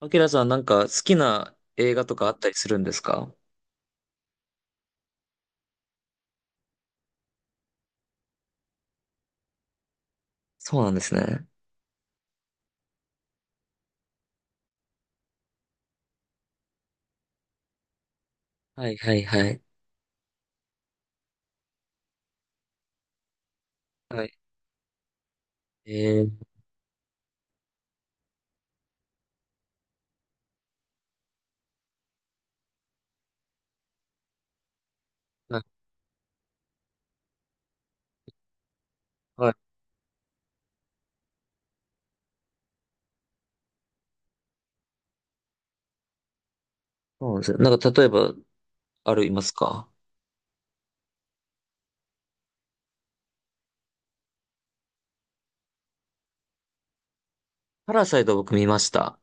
アキラさんなんか好きな映画とかあったりするんですか？そうなんですね。はいはいはい。はい。えー、はいはい。そうなんですね。なんか例えば、あるいますか？パラサイト僕見ました。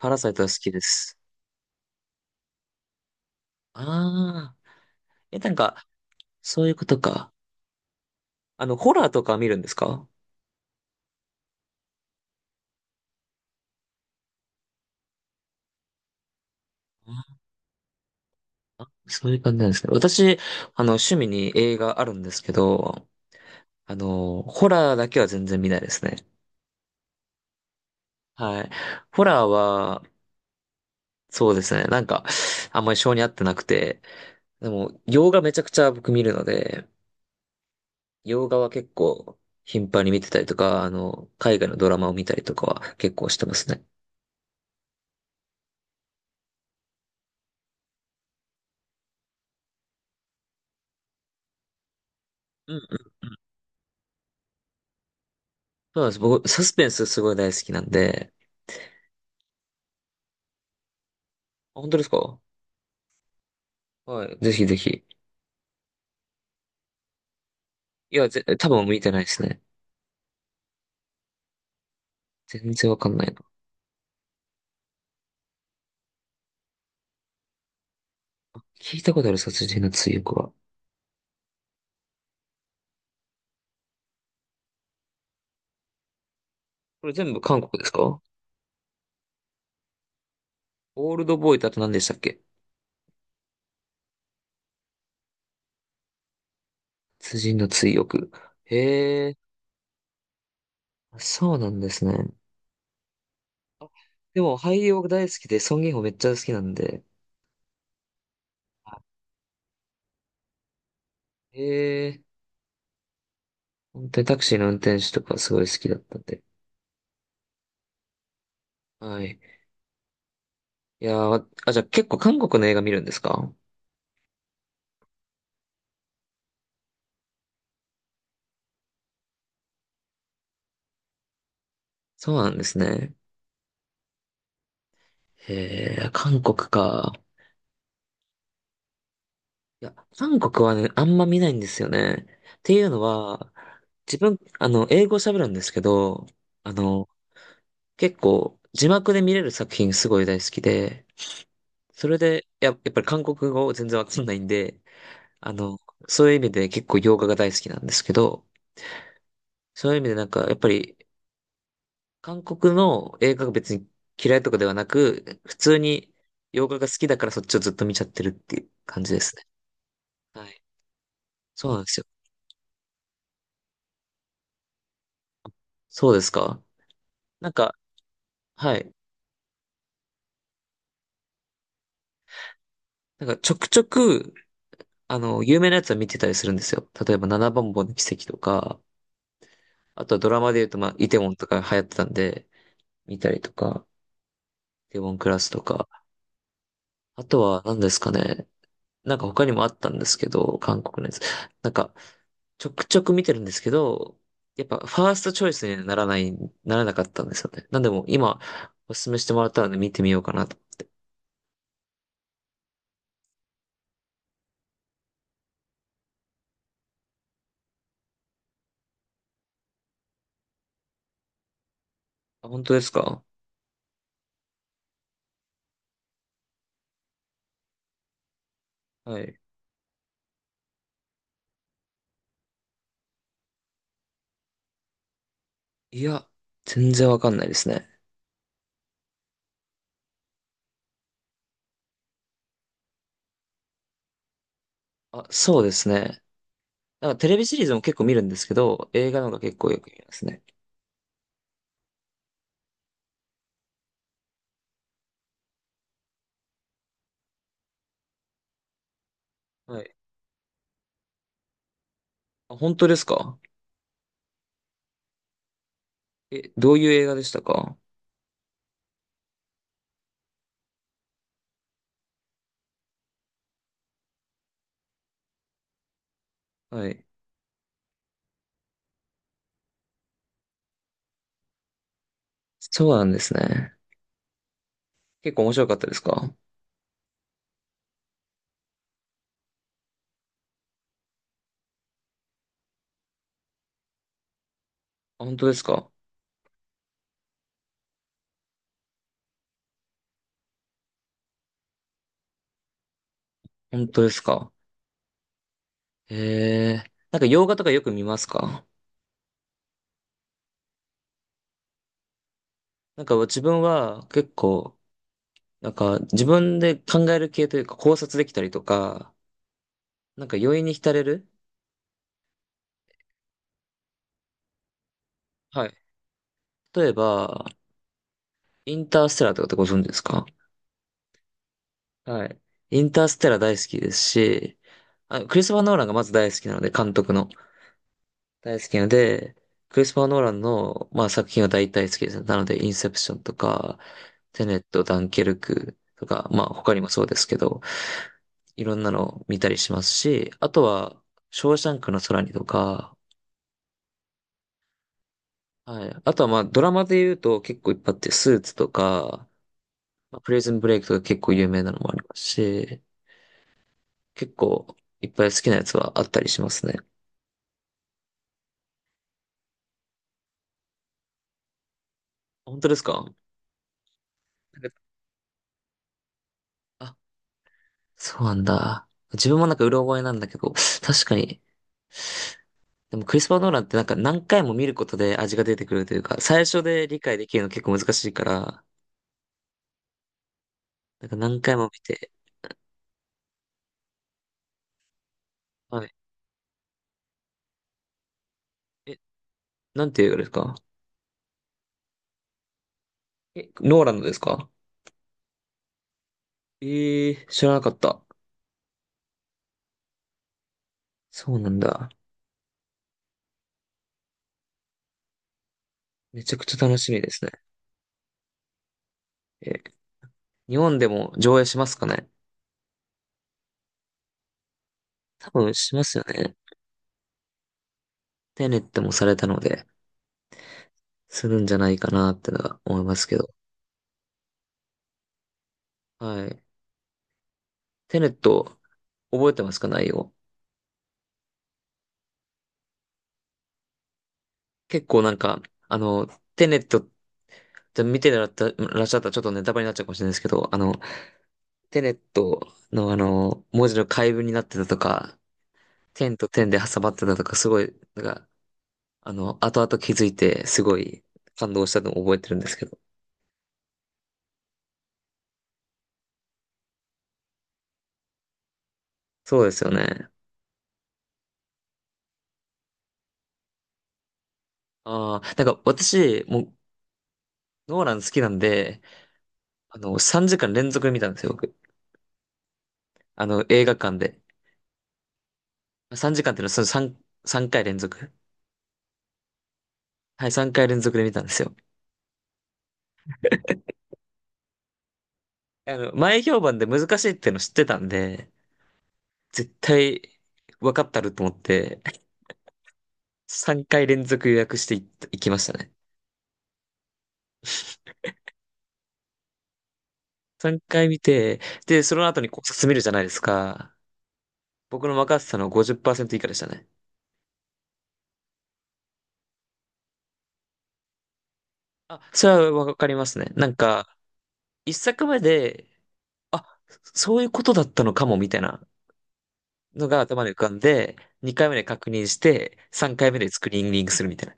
パラサイトが好きです。ああ。え、なんか、そういうことか。あの、ホラーとか見るんですか？あーそういう感じなんですね。私、あの、趣味に映画あるんですけど、あの、ホラーだけは全然見ないですね。はい。ホラーは、そうですね。なんか、あんまり性に合ってなくて、でも、洋画めちゃくちゃ僕見るので、洋画は結構頻繁に見てたりとか、あの、海外のドラマを見たりとかは結構してますね。うんうん、そうなんです。僕、サスペンスすごい大好きなんで、あ本当ですか？はい。ぜひぜひ。いや、ぜ、多分見てないですね。全然わかんないな。聞いたことある、殺人の追憶は。これ全部韓国ですか？オールドボーイとあと何でしたっけ？殺人の追憶。へえ、そうなんですね。あ、でも俳優僕大好きで、ソン・ギンホめっちゃ好きなんで、あ、ええ、本当にタクシーの運転手とかすごい好きだったんで。はい。いやー、あ、じゃあ結構韓国の映画見るんですか？そうなんですね。へえ、韓国か。いや、韓国はね、あんま見ないんですよね。っていうのは、自分、あの、英語喋るんですけど、あの、結構、字幕で見れる作品すごい大好きで、それで、や、やっぱり韓国語全然わかんないんで、あの、そういう意味で結構洋画が大好きなんですけど、そういう意味でなんか、やっぱり、韓国の映画が別に嫌いとかではなく、普通に洋画が好きだからそっちをずっと見ちゃってるっていう感じですね。はい。そうなんですよ。そうですか。なんか、はい。なんか、ちょくちょく、あの、有名なやつは見てたりするんですよ。例えば、七番坊の奇跡とか、あとはドラマで言うと、まあ、イテウォンとか流行ってたんで、見たりとか、イテウォンクラスとか、あとは何ですかね。なんか他にもあったんですけど、韓国のやつ。なんか、ちょくちょく見てるんですけど、やっぱファーストチョイスにならない、ならなかったんですよね。なんでも今、おすすめしてもらったので見てみようかなと。あ、本当ですか？はい。いや、全然わかんないですね。あ、そうですね。なんかテレビシリーズも結構見るんですけど、映画の方が結構よく見ますね。はい。あ、本当ですか？え、どういう映画でしたか？はい。そうなんですね。結構面白かったですか？あ、本当ですか？本当ですか？へえー。なんか洋画とかよく見ますか？なんか自分は結構、なんか自分で考える系というか考察できたりとか、なんか余韻に浸れるはい。例えば、インターステラーとかってご存知ですか？はい。インターステラー大好きですし、あ、クリストファー・ノーランがまず大好きなので、監督の大好きなので、クリストファー・ノーランの、まあ、作品は大体好きですね。なので、インセプションとか、テネット、ダンケルクとか、まあ、他にもそうですけど、いろんなのを見たりしますし、あとは、ショーシャンクの空にとか、はい。あとはまあ、ドラマで言うと結構いっぱいあって、スーツとか、まあプレイズンブレイクとか結構有名なのもありますし、結構いっぱい好きなやつはあったりしますね。本当ですか？なんか、あ、そうなんだ。自分もなんかうろ覚えなんだけど、確かに。でもクリスパー・ノーランってなんか何回も見ることで味が出てくるというか、最初で理解できるの結構難しいから、なんか何回も見て、はい。え、なんていう映画ですか？え、ノーランドですか？ええー、知らなかった。そうなんだ。めちゃくちゃ楽しみですね。え、日本でも上映しますかね？多分しますよね。テネットもされたので、するんじゃないかなってのは思いますけど。はい。テネット、覚えてますか内容？結構なんか、あの、テネットって見てらっしゃったらっしゃったらちょっとネタバレになっちゃうかもしれないですけど、あの、テネットのあの、文字の解文になってたとか、点と点で挟まってたとか、すごい、なんか、あの、後々気づいて、すごい感動したのを覚えてるんですけど。そうですよね。ああ、なんか私、もう、ノーラン好きなんで、あの、3時間連続で見たんですよ、僕。あの、映画館で。3時間っていうのは、その3、3回連続。はい、3回連続で見たんですよ。あの、前評判で難しいっていうの知ってたんで、絶対分かったると思って、3回連続予約していった、行きましたね。3回見て、で、その後に考察見るじゃないですか。僕の任せたの50%以下でしたね。あ、それはわかりますね。なんか、一作目で、あ、そういうことだったのかも、みたいなのが頭で浮かんで、二回目で確認して、三回目でスクリーニングするみたいなっ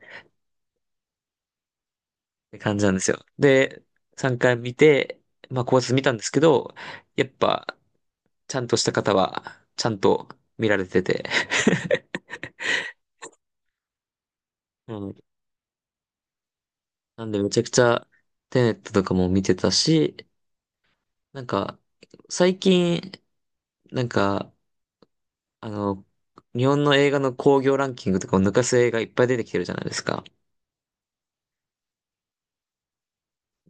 て感じなんですよ。で、三回見て、まあ、考察見たんですけど、やっぱ、ちゃんとした方は、ちゃんと見られてて。うん。なんで、めちゃくちゃ、テネットとかも見てたし、なんか、最近、なんか、あの、日本の映画の興行ランキングとかを抜かす映画いっぱい出てきてるじゃないですか。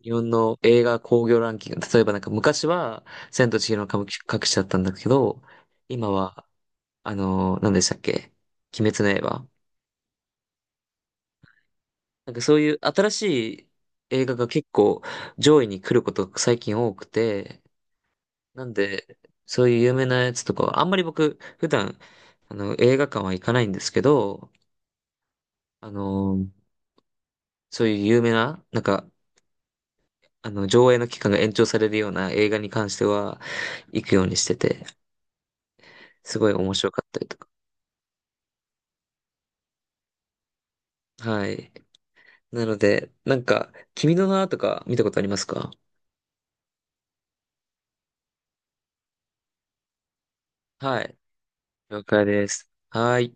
日本の映画興行ランキング、例えばなんか昔は、千と千尋の神隠しだったんだけど、今は、あの、何でしたっけ？鬼滅の刃。なんかそういう新しい映画が結構上位に来ることが最近多くて、なんで、そういう有名なやつとかは、あんまり僕、普段、あの、映画館は行かないんですけど、あの、そういう有名な、なんか、あの、上映の期間が延長されるような映画に関しては、行くようにしてて、すごい面白かったりとか。はい。なので、なんか、君の名はとか見たことありますか？はい。了解です。はい。